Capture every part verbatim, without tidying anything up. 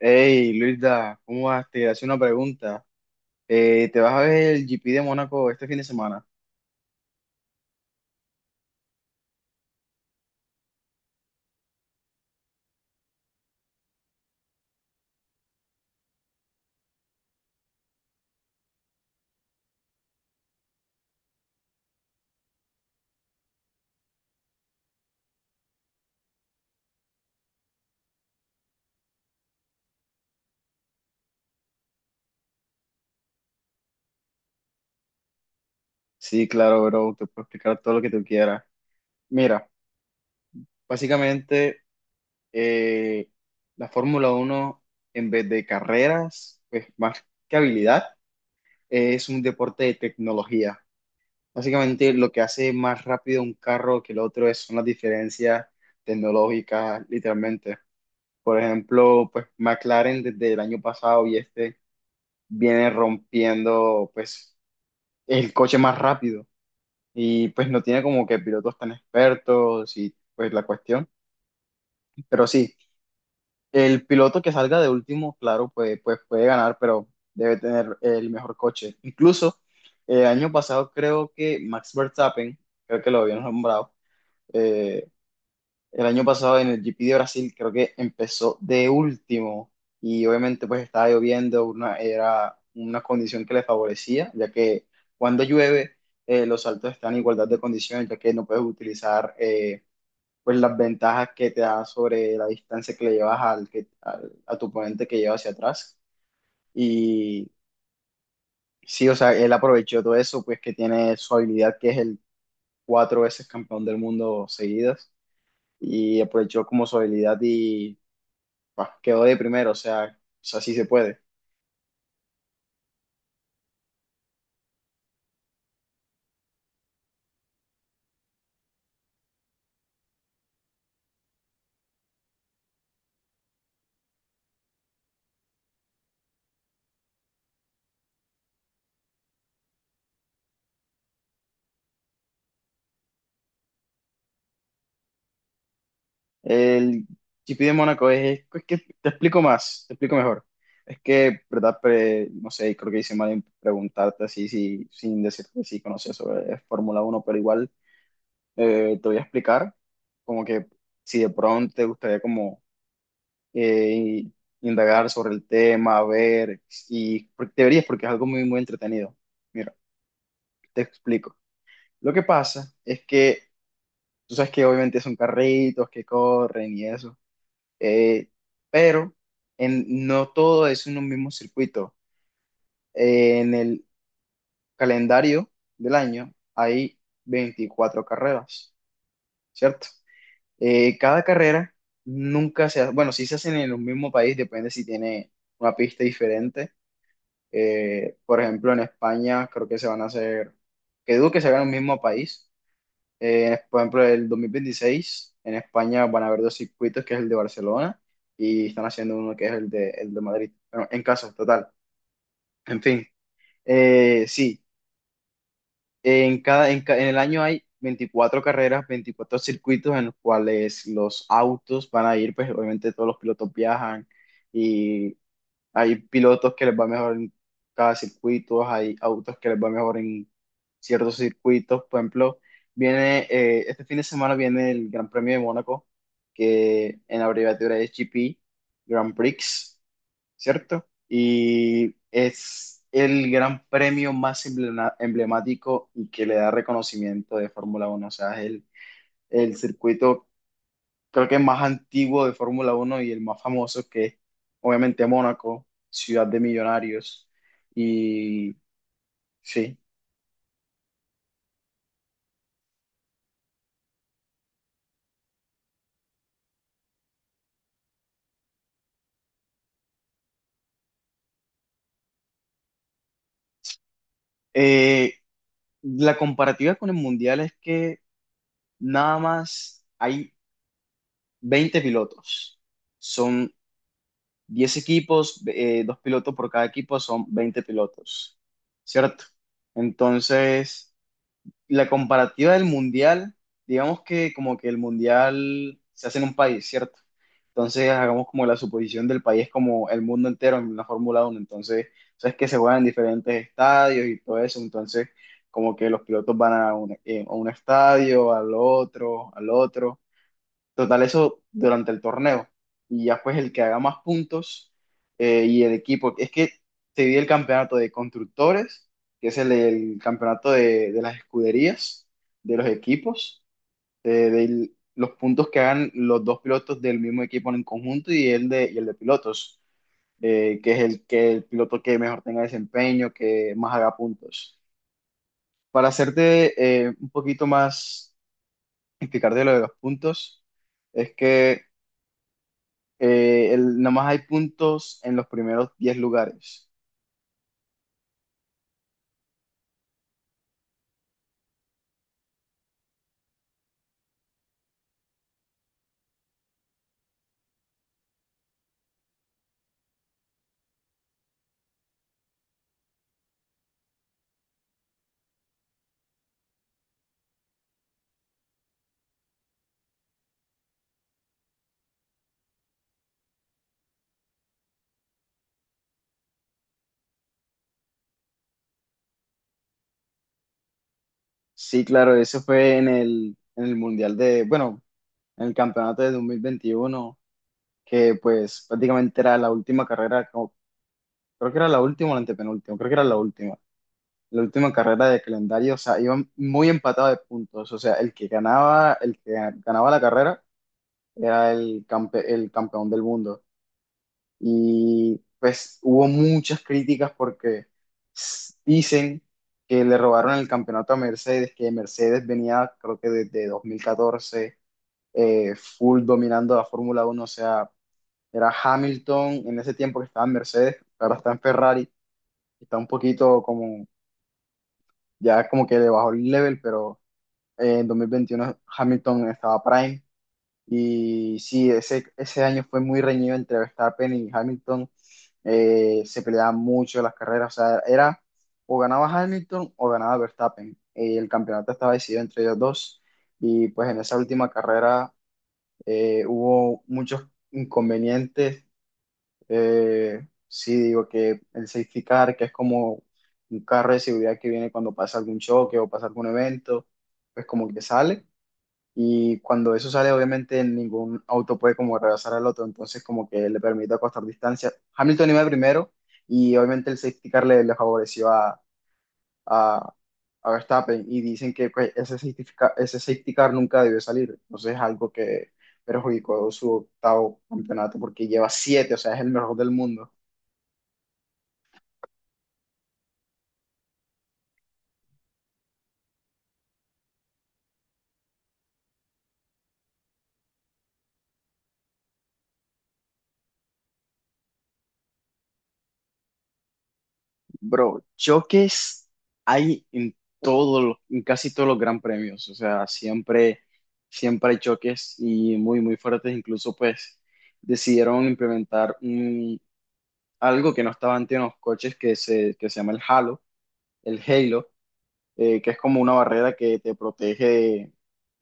Hey, Luisa, ¿cómo vas? Te hace una pregunta. Eh, ¿te vas a ver el G P de Mónaco este fin de semana? Sí, claro, bro, te puedo explicar todo lo que tú quieras. Mira, básicamente eh, la Fórmula Uno, en vez de carreras, pues más que habilidad, eh, es un deporte de tecnología. Básicamente lo que hace más rápido un carro que el otro es, son las diferencias tecnológicas, literalmente. Por ejemplo, pues McLaren desde el año pasado y este viene rompiendo pues el coche más rápido, y pues no tiene como que pilotos tan expertos y pues la cuestión, pero sí, el piloto que salga de último, claro, pues, pues puede ganar, pero debe tener el mejor coche. Incluso el año pasado creo que Max Verstappen, creo que lo habían nombrado, eh, El año pasado en el G P de Brasil creo que empezó de último y obviamente pues estaba lloviendo, una, era una condición que le favorecía, ya que cuando llueve eh, los saltos están en igualdad de condiciones, ya que no puedes utilizar eh, pues las ventajas que te da sobre la distancia que le llevas al, que, al- a tu oponente que lleva hacia atrás. Y sí, o sea, él aprovechó todo eso, pues que tiene su habilidad, que es el cuatro veces campeón del mundo seguidas, y aprovechó como su habilidad y bah, quedó de primero, o sea, o sea, sí se puede. El G P de Mónaco es, es que te explico más, te explico mejor. Es que, ¿verdad? Pre- no sé, creo que hice mal en preguntarte así, si, sin decirte si conoces sobre Fórmula uno, pero igual eh, te voy a explicar, como que si de pronto te gustaría como eh, indagar sobre el tema, ver, y porque- deberías, porque es algo muy, muy entretenido. Mira, te explico. Lo que pasa es que tú sabes que obviamente son carritos que corren y eso, eh, pero en, no todo es en un mismo circuito. Eh, en el calendario del año hay veinticuatro carreras, ¿cierto? Eh, cada carrera nunca se hace, bueno, sí se hacen en un mismo país, depende si tiene una pista diferente. Eh, por ejemplo, en España creo que se van a hacer, que dudo que se hagan en un mismo país. Eh, por ejemplo, el dos mil veintiséis en España van a haber dos circuitos, que es el de Barcelona, y están haciendo uno que es el de, el de Madrid. Bueno, en caso, total. En fin, eh, sí, en cada, en, ca- en el año hay veinticuatro carreras, veinticuatro circuitos en los cuales los autos van a ir, pues obviamente todos los pilotos viajan. Hay pilotos que les va mejor en cada circuito, hay autos que les va mejor en ciertos circuitos. Por ejemplo, viene eh, este fin de semana viene el Gran Premio de Mónaco, que en abreviatura es G P, Grand Prix, ¿cierto? Y es el gran premio más emblema- emblemático y que le da reconocimiento de Fórmula Uno, o sea, es el, el circuito creo que más antiguo de Fórmula uno y el más famoso, que es obviamente Mónaco, ciudad de millonarios. Y sí, Eh, la comparativa con el Mundial es que nada más hay veinte pilotos. Son diez equipos, eh, dos pilotos por cada equipo, son veinte pilotos, ¿cierto? Entonces, la comparativa del mundial, digamos que como que el mundial se hace en un país, ¿cierto? Entonces hagamos como la suposición del país como el mundo entero en la Fórmula uno. Entonces, sabes que se juegan en diferentes estadios y todo eso, entonces como que los pilotos van a un, eh, a un estadio, al otro, al otro. Total, eso durante el torneo. Y ya pues el que haga más puntos eh, y el equipo. Es que se divide el campeonato de constructores, que es el, el campeonato de, de las escuderías, de los equipos, eh, de los puntos que hagan los dos pilotos del mismo equipo en conjunto, y el de, y el de pilotos, eh, que es el, que el piloto que mejor tenga desempeño, que más haga puntos. Para hacerte eh, un poquito más, explicarte lo de los puntos, es que Eh, el, nomás hay puntos en los primeros diez lugares. Sí, claro, eso fue en el, en el Mundial de, bueno, en el campeonato de dos mil veintiuno, que pues prácticamente era la última carrera, como- creo que era la última o la antepenúltima, creo que era la última, la última carrera de calendario, o sea, iban muy empatados de puntos, o sea, el que ganaba, el que ganaba la carrera era el, campe- el campeón del mundo. Y pues hubo muchas críticas porque s- dicen que le robaron el campeonato a Mercedes, que Mercedes venía creo que desde dos mil catorce, eh, full dominando la Fórmula uno, o sea, era Hamilton en ese tiempo que estaba en Mercedes, ahora está en Ferrari, está un poquito como, ya como que le bajó el level, pero eh, en dos mil veintiuno Hamilton estaba Prime, y sí, ese, ese año fue muy reñido entre Verstappen y Hamilton. Eh, se peleaban mucho las carreras. O sea, era o ganaba Hamilton o ganaba Verstappen. Eh, el campeonato estaba decidido entre ellos dos. Y pues en esa última carrera eh, hubo muchos inconvenientes. Eh, sí, digo que el safety car, que es como un carro de seguridad que viene cuando pasa algún choque o pasa algún evento, pues como que sale. Y cuando eso sale, obviamente ningún auto puede como rebasar al otro, entonces como que le permite acostar distancia. Hamilton iba primero y obviamente el safety car le, le favoreció a, a, a Verstappen, y dicen que pues, ese safety ca- ese safety car nunca debió salir, entonces es algo que perjudicó su octavo campeonato porque lleva siete, o sea, es el mejor del mundo. Bro, choques hay en todo lo- en casi todos los gran premios, o sea, siempre, siempre hay choques y muy, muy fuertes, incluso pues decidieron implementar un- algo que no estaba antes en los coches que se, que se llama el halo, el halo, eh, que es como una barrera que te protege, de-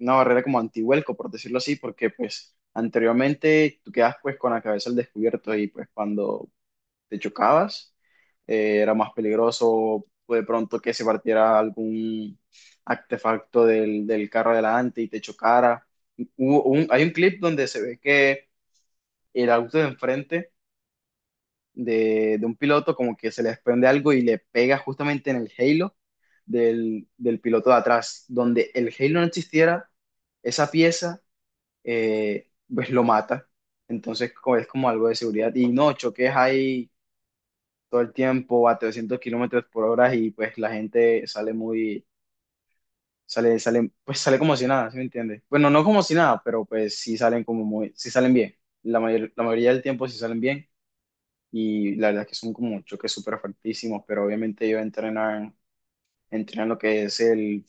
una barrera como antihuelco, por decirlo así, porque pues anteriormente tú quedas pues con la cabeza al descubierto y pues cuando te chocabas, eh, era más peligroso de pronto que se partiera algún artefacto del, del carro adelante y te chocara. Hubo un- hay un clip donde se ve que el auto de enfrente de, de un piloto como que se le desprende algo y le pega justamente en el halo del, del piloto de atrás. Donde el halo no existiera, esa pieza eh, pues lo mata. Entonces co- es como algo de seguridad. Y no, choques hay todo el tiempo a trescientos kilómetros por hora y pues la gente sale muy, sale, sale, pues sale como si nada, ¿sí me entiendes? Bueno, no como si nada, pero pues sí salen como muy, sí salen bien. La mayor- la mayoría del tiempo sí salen bien, y la verdad es que son como choques súper fuertísimos, pero obviamente ellos entrenan, entrenan lo que es el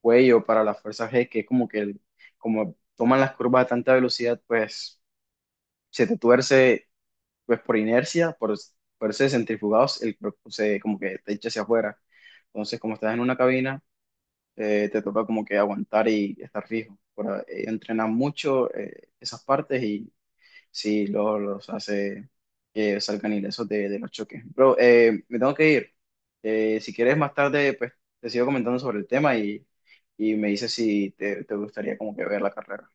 cuello para la fuerza G, que es como que el- como toman las curvas a tanta velocidad, pues se te tuerce pues por inercia, por, por ser centrifugados, el cuerpo se, como que te echa hacia afuera. Entonces, como estás en una cabina, eh, te toca como que aguantar y estar fijo. Por, eh, entrenan mucho eh, esas partes y sí, luego los hace que salgan ilesos de, de los choques. Bro, eh, me tengo que ir. Eh, si quieres más tarde, pues te sigo comentando sobre el tema y, y me dices si te, te gustaría como que ver la carrera.